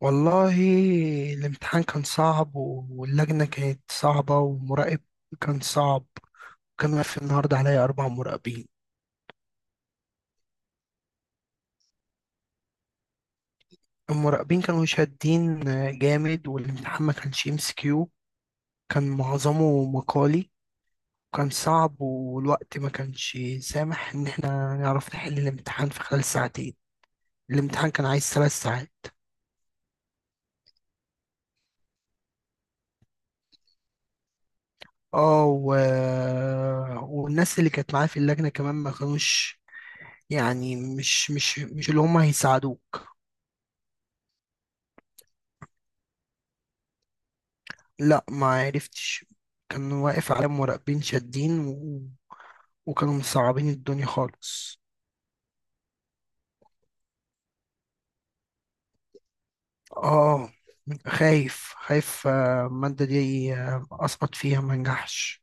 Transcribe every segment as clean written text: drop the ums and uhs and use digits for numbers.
والله. الامتحان كان صعب واللجنة كانت صعبة والمراقب كان صعب. كان واقف النهاردة عليا 4 مراقبين. المراقبين كانوا شادين جامد، والامتحان ما كانش MCQ، كان معظمه مقالي وكان صعب. والوقت ما كانش سامح إن احنا نعرف نحل الامتحان في خلال ساعتين. الامتحان كان عايز 3 ساعات. اه و... والناس اللي كانت معايا في اللجنة كمان ما كانوش، يعني مش اللي هم هيساعدوك. لا، ما عرفتش. كان واقف على مراقبين شادين وكانوا مصعبين الدنيا خالص. اه خايف، المادة دي، أسقط فيها ما نجحش.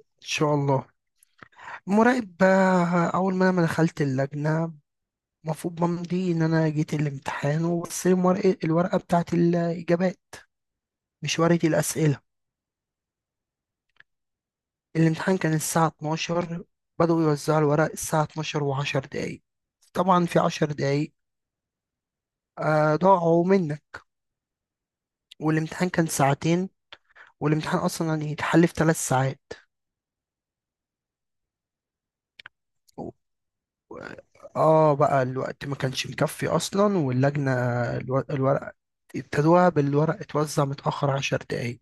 إن شاء الله. مراقب، أول ما أنا دخلت اللجنة المفروض بمضي إن أنا جيت الامتحان، وبصير الورقة بتاعت الإجابات، مش ورقة الأسئلة. الامتحان كان الساعة 12. بدأوا يوزعوا الورق الساعة 12 وعشر دقايق. طبعا في 10 دقايق ضاعوا منك. والامتحان كان ساعتين، والامتحان أصلا يعني يتحل في 3 ساعات. و- اه بقى الوقت ما كانش مكفي أصلا، واللجنة الورق ابتدوها بالورق اتوزع متأخر 10 دقايق.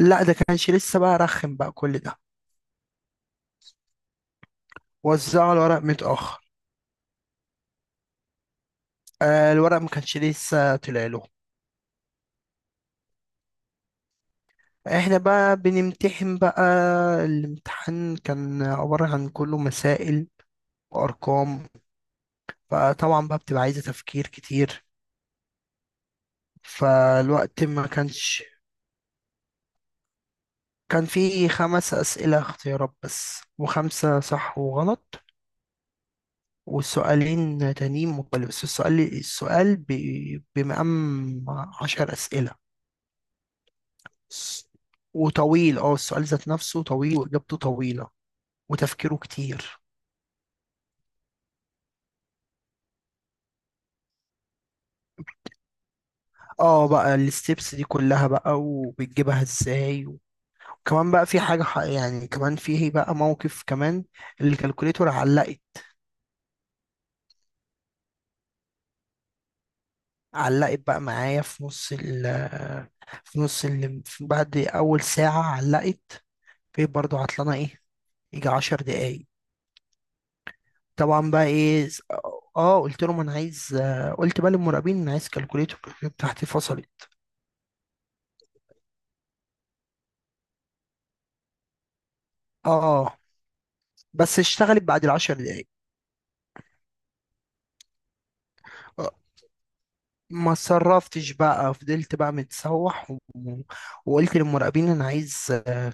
لا، ده كانش لسه بقى رخم بقى كل ده. وزعوا الورق متأخر. الورق ما كانش لسه طلع لهم. احنا بقى بنمتحن بقى. الامتحان كان عبارة عن كله مسائل وأرقام، فطبعا بقى بتبقى عايزة تفكير كتير. فالوقت ما كانش. كان في 5 أسئلة اختيارات بس، وخمسة صح وغلط، والسؤالين تانيين مقبل. بس السؤال بمقام 10 أسئلة وطويل. اه السؤال ذات نفسه طويل، وإجابته طويلة، وتفكيره كتير. اه بقى الستبس دي كلها بقى، وبتجيبها ازاي. وكمان بقى في حاجة يعني كمان فيه بقى موقف كمان. الكالكوليتور علقت. علقت بقى معايا في نص ال، بعد أول ساعة علقت. في برضه عطلانة ايه، يجي 10 دقايق. طبعا بقى ايه قلت بقى للمراقبين انا عايز كالكوليتور بتاعتي فصلت. اه بس اشتغلت بعد الـ10 دقايق. ما اتصرفتش بقى، فضلت بقى متسوح وقلت للمراقبين انا عايز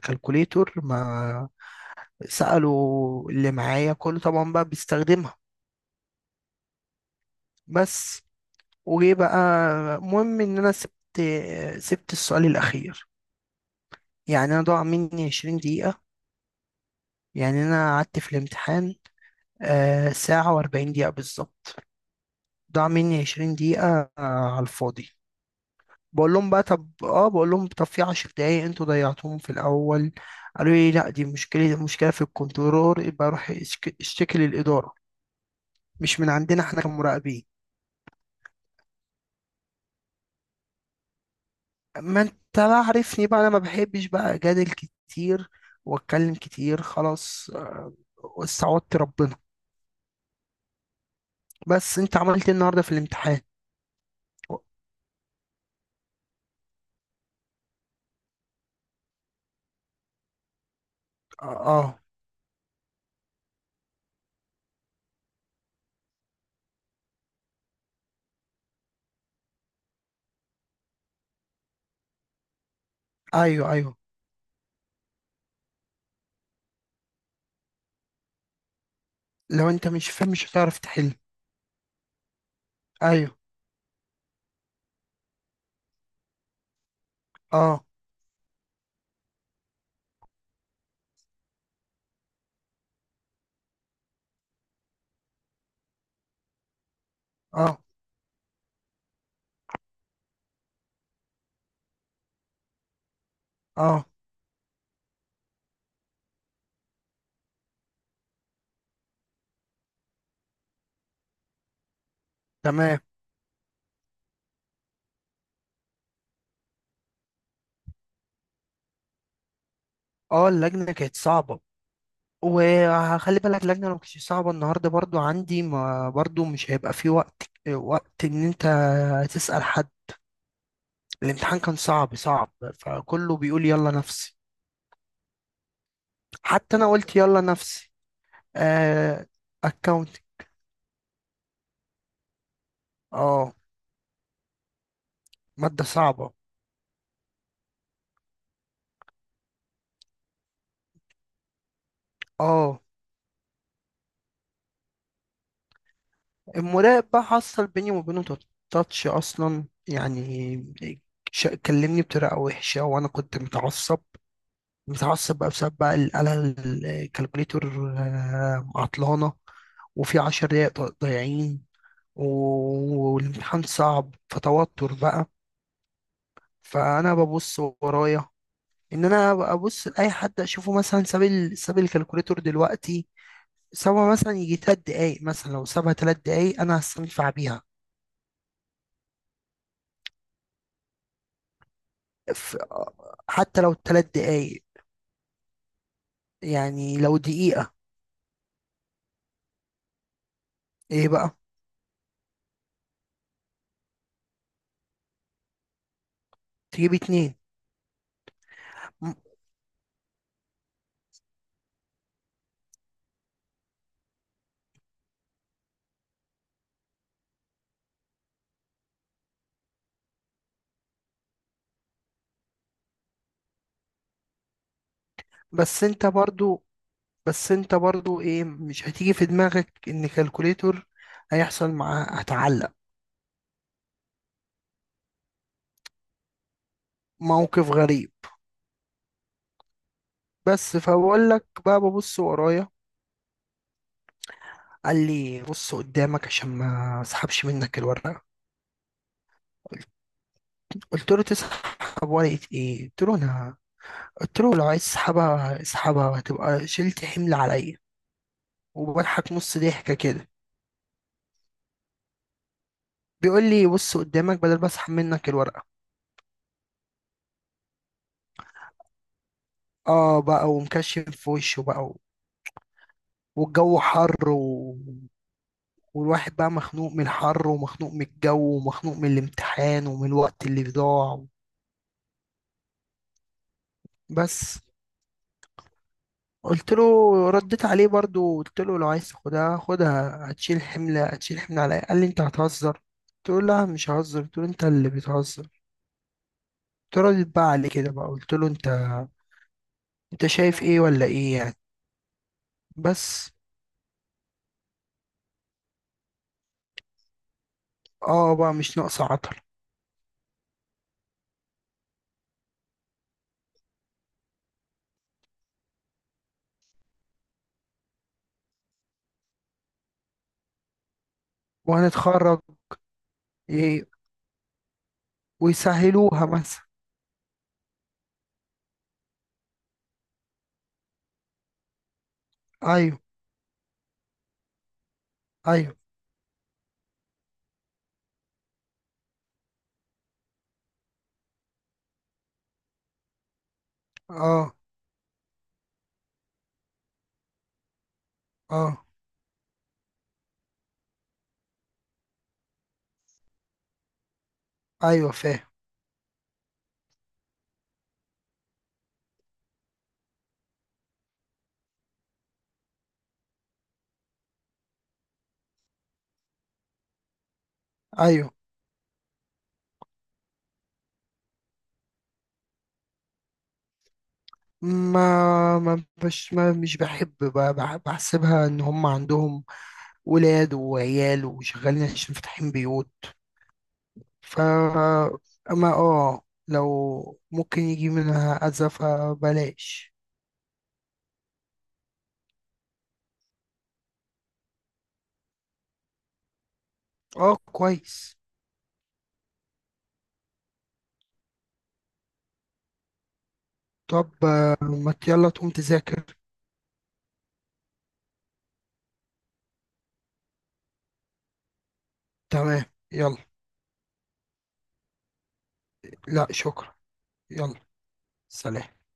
كالكوليتور، ما سألوا اللي معايا كله طبعا بقى بيستخدمها. بس وجه بقى مهم ان انا سبت السؤال الاخير. يعني انا ضاع مني 20 دقيقة. يعني انا قعدت في الامتحان ساعة و40 دقيقة بالظبط، ضاع مني 20 دقيقة على الفاضي. بقول لهم طب في 10 دقايق انتوا ضيعتوهم في الاول. قالوا لي لا، دي مشكله في الكنترولور، يبقى روح اشتكي للاداره، مش من عندنا احنا كمراقبين. ما انت بقى عارفني بقى انا ما بحبش بقى اجادل كتير واتكلم كتير. خلاص، استعوضت ربنا. بس انت عملت ايه النهارده في الامتحان و- اه. آه. ايوه، ايوه. لو انت مش فاهم مش هتعرف تحل. ايوه. اه. اه. اه. تمام. اه. اللجنه كانت صعبه. وخلي بالك اللجنة لو كانت صعبة النهاردة برضو عندي، ما برضو مش هيبقى في وقت إن أنت تسأل حد. الامتحان كان صعب صعب، فكله بيقول يلا نفسي. حتى أنا قلت يلا نفسي. آه أكاونتنج. اه. مادة صعبة. اه. المراقب بقى حصل بيني وبينه تاتش أصلا يعني. كلمني بطريقة وحشة، وأنا كنت متعصب بقى بسبب بقى الكالكوليتور، عطلانة، وفي 10 دقايق ضايعين، والامتحان صعب فتوتر بقى. فأنا ببص ورايا، إن أنا ببص لأي حد أشوفه مثلا ساب الكالكوليتور دلوقتي، سابها مثلا يجي 3 دقايق، مثلا لو سابها 3 دقايق أنا هستنفع بيها. ف- حتى لو 3 دقايق، يعني لو دقيقة. إيه بقى، تجيب 2. م- بس انت برضو بس انت برضو ايه، مش هتيجي في دماغك ان كالكوليتور هيحصل معاه هتعلق؟ موقف غريب. بس فبقول لك بقى ببص ورايا. قال لي بص قدامك عشان ما اسحبش منك الورقه. قلت له تسحب ورقه ايه؟ قلت له لو عايز تسحبها اسحبها، هتبقى شلت حمل عليا. وبضحك نص ضحكه كده. بيقول لي بص قدامك بدل ما اسحب منك الورقه. اه بقى ومكشف في وشه بقى، والجو حر والواحد بقى مخنوق من الحر، ومخنوق من الجو، ومخنوق من الامتحان، ومن الوقت اللي ضاع. بس قلت له، رديت عليه برضو، قلت له لو عايز تاخدها خدها، هتشيل حملة عليا. قال لي انت هتهزر، قلت له لا مش ههزر، قلت له انت اللي بتهزر. قلت له رديت بقى عليه كده بقى، قلت له انت شايف ايه ولا ايه يعني. بس اه بقى مش ناقصة عطل. وهنتخرج. ايه، ويسهلوها مثلا. ايوه، ايوه، اه، اه، ايوه فاهم. ايوه، ما ما بش ما مش بحب بحسبها ان هم عندهم ولاد وعيال وشغالين عشان فاتحين بيوت. ف اما اه لو ممكن يجي منها اذى فبلاش. اه، كويس. طب، ما ت- يلا تقوم تذاكر. تمام. يلا. لا، شكرا. يلا، سلام.